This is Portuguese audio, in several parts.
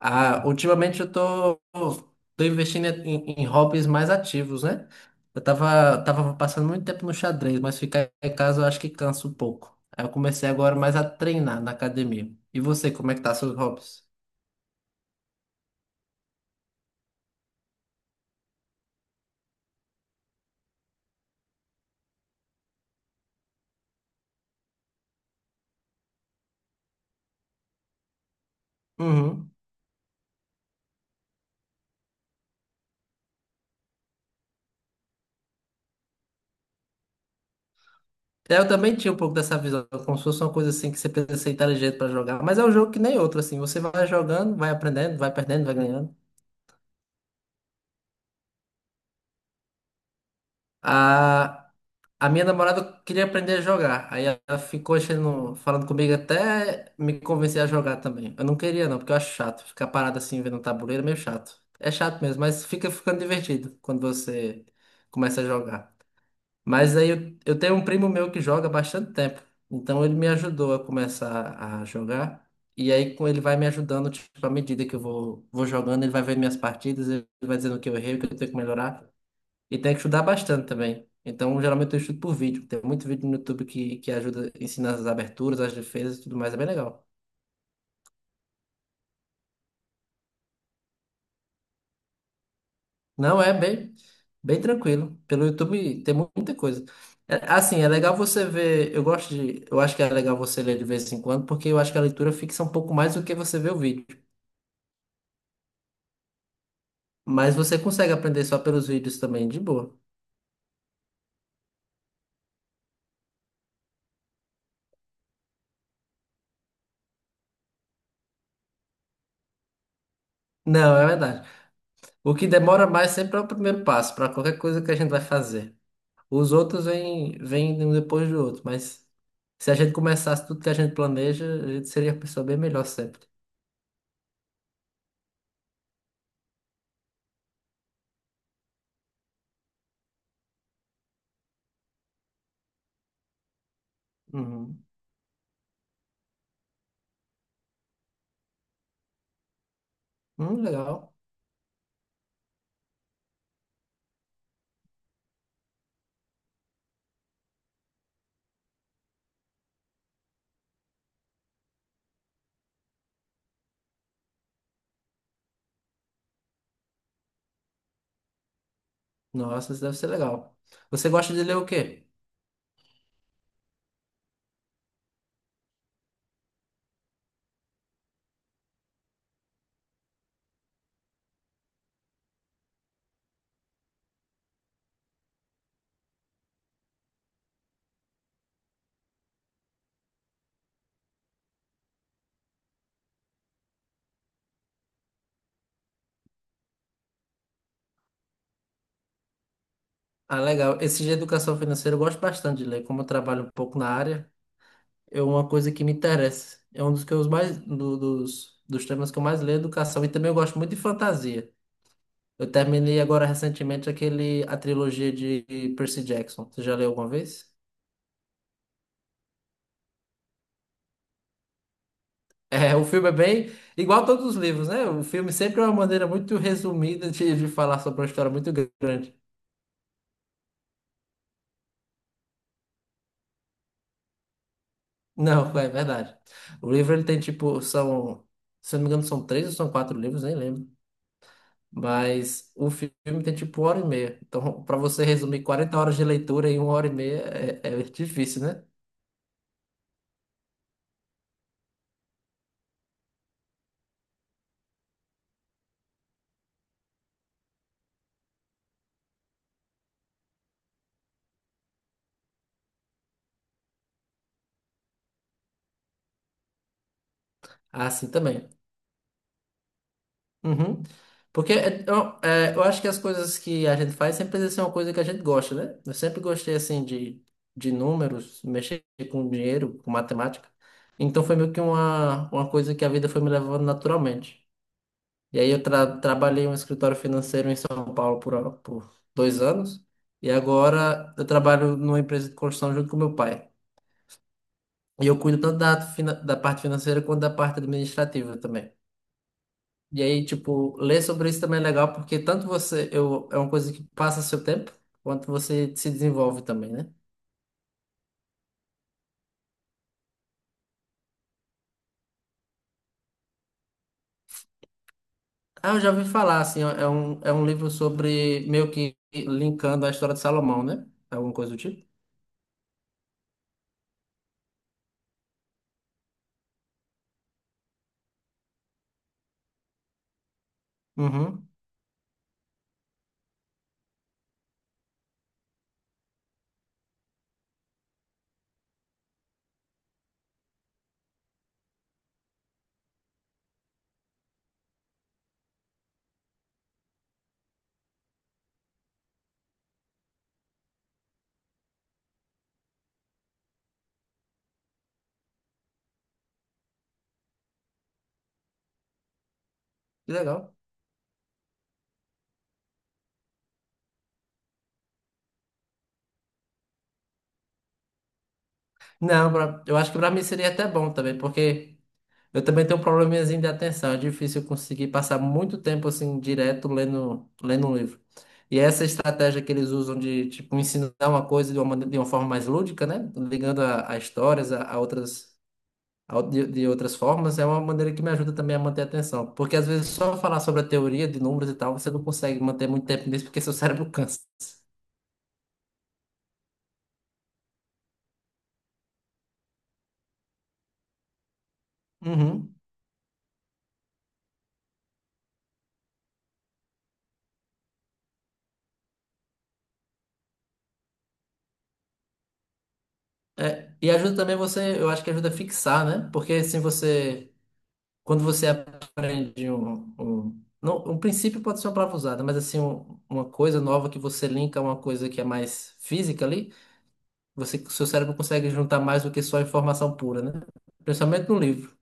Ah, ultimamente eu tô investindo em hobbies mais ativos, né? Eu tava passando muito tempo no xadrez, mas ficar em casa eu acho que cansa um pouco. Aí eu comecei agora mais a treinar na academia. E você, como é que tá seus hobbies? Uhum. É, eu também tinha um pouco dessa visão, como se fosse uma coisa assim que você precisa ser inteligente pra jogar, mas é um jogo que nem outro, assim, você vai jogando, vai aprendendo, vai perdendo, vai ganhando. Ah, a minha namorada queria aprender a jogar. Aí ela ficou achando, falando comigo até me convencer a jogar também. Eu não queria não, porque eu acho chato. Ficar parado assim vendo um tabuleiro é meio chato. É chato mesmo, mas ficando divertido quando você começa a jogar. Mas aí eu tenho um primo meu que joga há bastante tempo. Então ele me ajudou a começar a jogar. E aí com ele vai me ajudando, tipo, à medida que eu vou jogando, ele vai vendo minhas partidas, ele vai dizendo o que eu errei, o que eu tenho que melhorar. E tem que estudar bastante também. Então, geralmente eu estudo por vídeo. Tem muito vídeo no YouTube que ajuda, ensina as aberturas, as defesas e tudo mais. É bem legal. Não, é bem, bem tranquilo. Pelo YouTube tem muita coisa. É, assim, é legal você ver. Eu gosto de. Eu acho que é legal você ler de vez em quando, porque eu acho que a leitura fixa um pouco mais do que você vê o vídeo. Mas você consegue aprender só pelos vídeos também, de boa. Não, é verdade. O que demora mais sempre é o primeiro passo, para qualquer coisa que a gente vai fazer. Os outros vêm um depois do outro, mas se a gente começasse tudo que a gente planeja, a gente seria uma pessoa bem melhor sempre. Uhum. Legal. Nossa, isso deve ser legal. Você gosta de ler o quê? Ah, legal. Esse de educação financeira eu gosto bastante de ler, como eu trabalho um pouco na área, é uma coisa que me interessa. É um dos que eu mais dos temas que eu mais leio, é educação, e também eu gosto muito de fantasia. Eu terminei agora recentemente aquele a trilogia de Percy Jackson. Você já leu alguma vez? É, o filme é bem igual a todos os livros, né? O filme sempre é uma maneira muito resumida de falar sobre uma história muito grande. Não, é verdade. O livro ele tem tipo, são, se eu não me engano, são três ou são quatro livros, nem lembro. Mas o filme tem tipo 1 hora e meia. Então, para você resumir 40 horas de leitura em 1 hora e meia é, é difícil, né? Assim também. Uhum. Porque é, eu acho que as coisas que a gente faz sempre precisa ser uma coisa que a gente gosta, né? Eu sempre gostei, assim, de números, mexer com dinheiro, com matemática. Então foi meio que uma coisa que a vida foi me levando naturalmente. E aí eu trabalhei em um escritório financeiro em São Paulo por 2 anos. E agora eu trabalho numa empresa de construção junto com meu pai. E eu cuido tanto da, da parte financeira quanto da parte administrativa também. E aí, tipo, ler sobre isso também é legal, porque tanto você, eu, é uma coisa que passa seu tempo, quanto você se desenvolve também, né? Ah, eu já ouvi falar, assim, é um livro sobre, meio que linkando a história de Salomão, né? Alguma coisa do tipo. Uhum, que legal. Não, pra- eu acho que pra mim seria até bom também, porque eu também tenho um probleminhazinho de atenção. É difícil eu conseguir passar muito tempo assim direto lendo, lendo um livro. E é essa estratégia que eles usam de tipo ensinar uma coisa de uma, de uma forma mais lúdica, né? Ligando a histórias a outras de outras formas, é uma maneira que me ajuda também a manter a atenção. Porque às vezes só falar sobre a teoria de números e tal, você não consegue manter muito tempo nisso porque seu cérebro cansa. Uhum. É, e ajuda também você, eu acho que ajuda a fixar, né? Porque se você quando você aprende não, um princípio pode ser uma palavra usada, mas assim, uma coisa nova que você linka a uma coisa que é mais física ali, você, seu cérebro consegue juntar mais do que só informação pura, né? Principalmente no livro.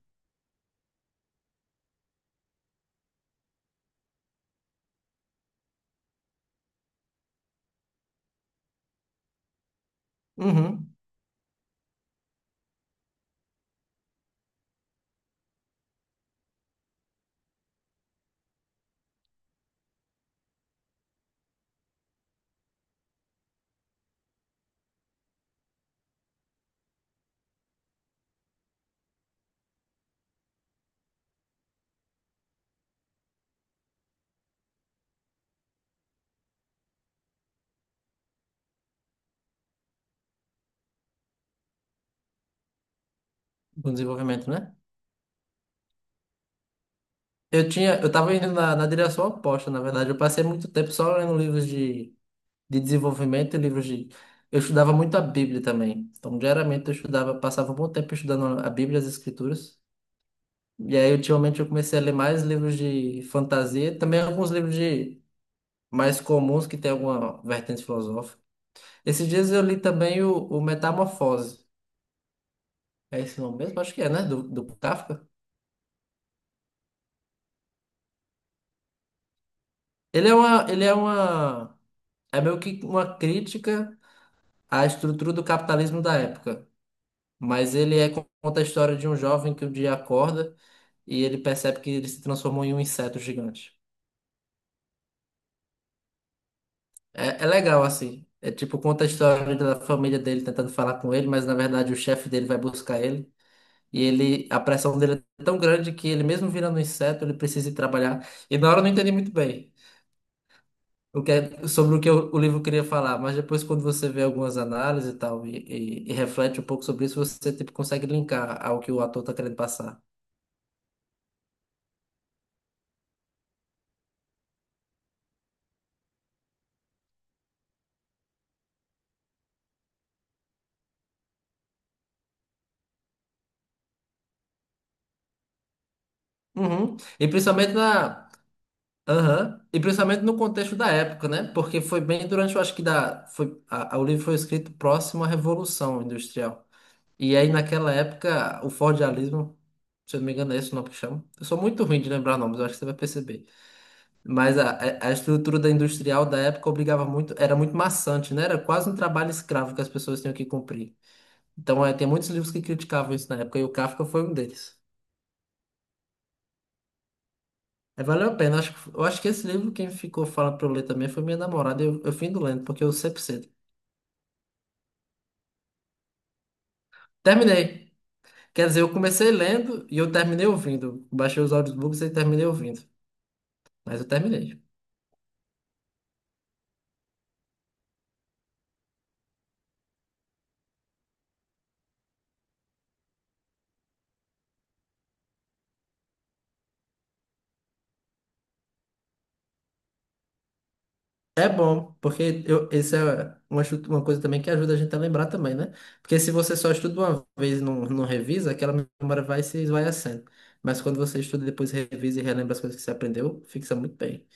Uhum. No desenvolvimento, né? Eu tinha, eu tava indo na direção oposta, na verdade. Eu passei muito tempo só lendo livros de desenvolvimento e livros de. Eu estudava muito a Bíblia também. Então, diariamente eu estudava, passava um bom tempo estudando a Bíblia e as Escrituras. E aí, ultimamente, eu comecei a ler mais livros de fantasia, também alguns livros de mais comuns que tem alguma vertente filosófica. Esses dias eu li também o Metamorfose. É esse nome mesmo? Acho que é, né? Do Kafka. Ele é uma, ele é uma, é meio que uma crítica à estrutura do capitalismo da época. Mas ele conta a história de um jovem que um dia acorda e ele percebe que ele se transformou em um inseto gigante. É, é legal, assim. É tipo, conta a história da família dele tentando falar com ele, mas na verdade o chefe dele vai buscar ele. E ele, a pressão dele é tão grande que ele, mesmo virando um inseto, ele precisa ir trabalhar. E na hora eu não entendi muito bem sobre o que o livro queria falar, mas depois, quando você vê algumas análises e tal, e reflete um pouco sobre isso, você tipo, consegue linkar ao que o ator tá querendo passar. Uhum. E principalmente na. Aham. E principalmente no contexto da época, né? Porque foi bem durante, eu acho que da, foi, a- o livro foi escrito próximo à Revolução Industrial. E aí, naquela época, o fordialismo, se eu não me engano, é esse o nome que chama. Eu sou muito ruim de lembrar nomes, eu acho que você vai perceber. Mas a, a estrutura da industrial da época obrigava muito, era muito maçante, né? Era quase um trabalho escravo que as pessoas tinham que cumprir. Então, é, tem muitos livros que criticavam isso na época, e o Kafka foi um deles. É, valeu a pena. Eu acho que esse livro, quem ficou falando pra eu ler também foi minha namorada. Eu fui indo lendo, porque eu sempre cedo. Terminei. Quer dizer, eu comecei lendo e eu terminei ouvindo. Baixei os audiobooks e terminei ouvindo. Mas eu terminei. É bom, porque eu, isso é uma, uma coisa também que ajuda a gente a lembrar também, né? Porque se você só estuda uma vez e não, não revisa, aquela memória vai se esvaiecendo. Mas quando você estuda e depois revisa e relembra as coisas que você aprendeu, fixa muito bem.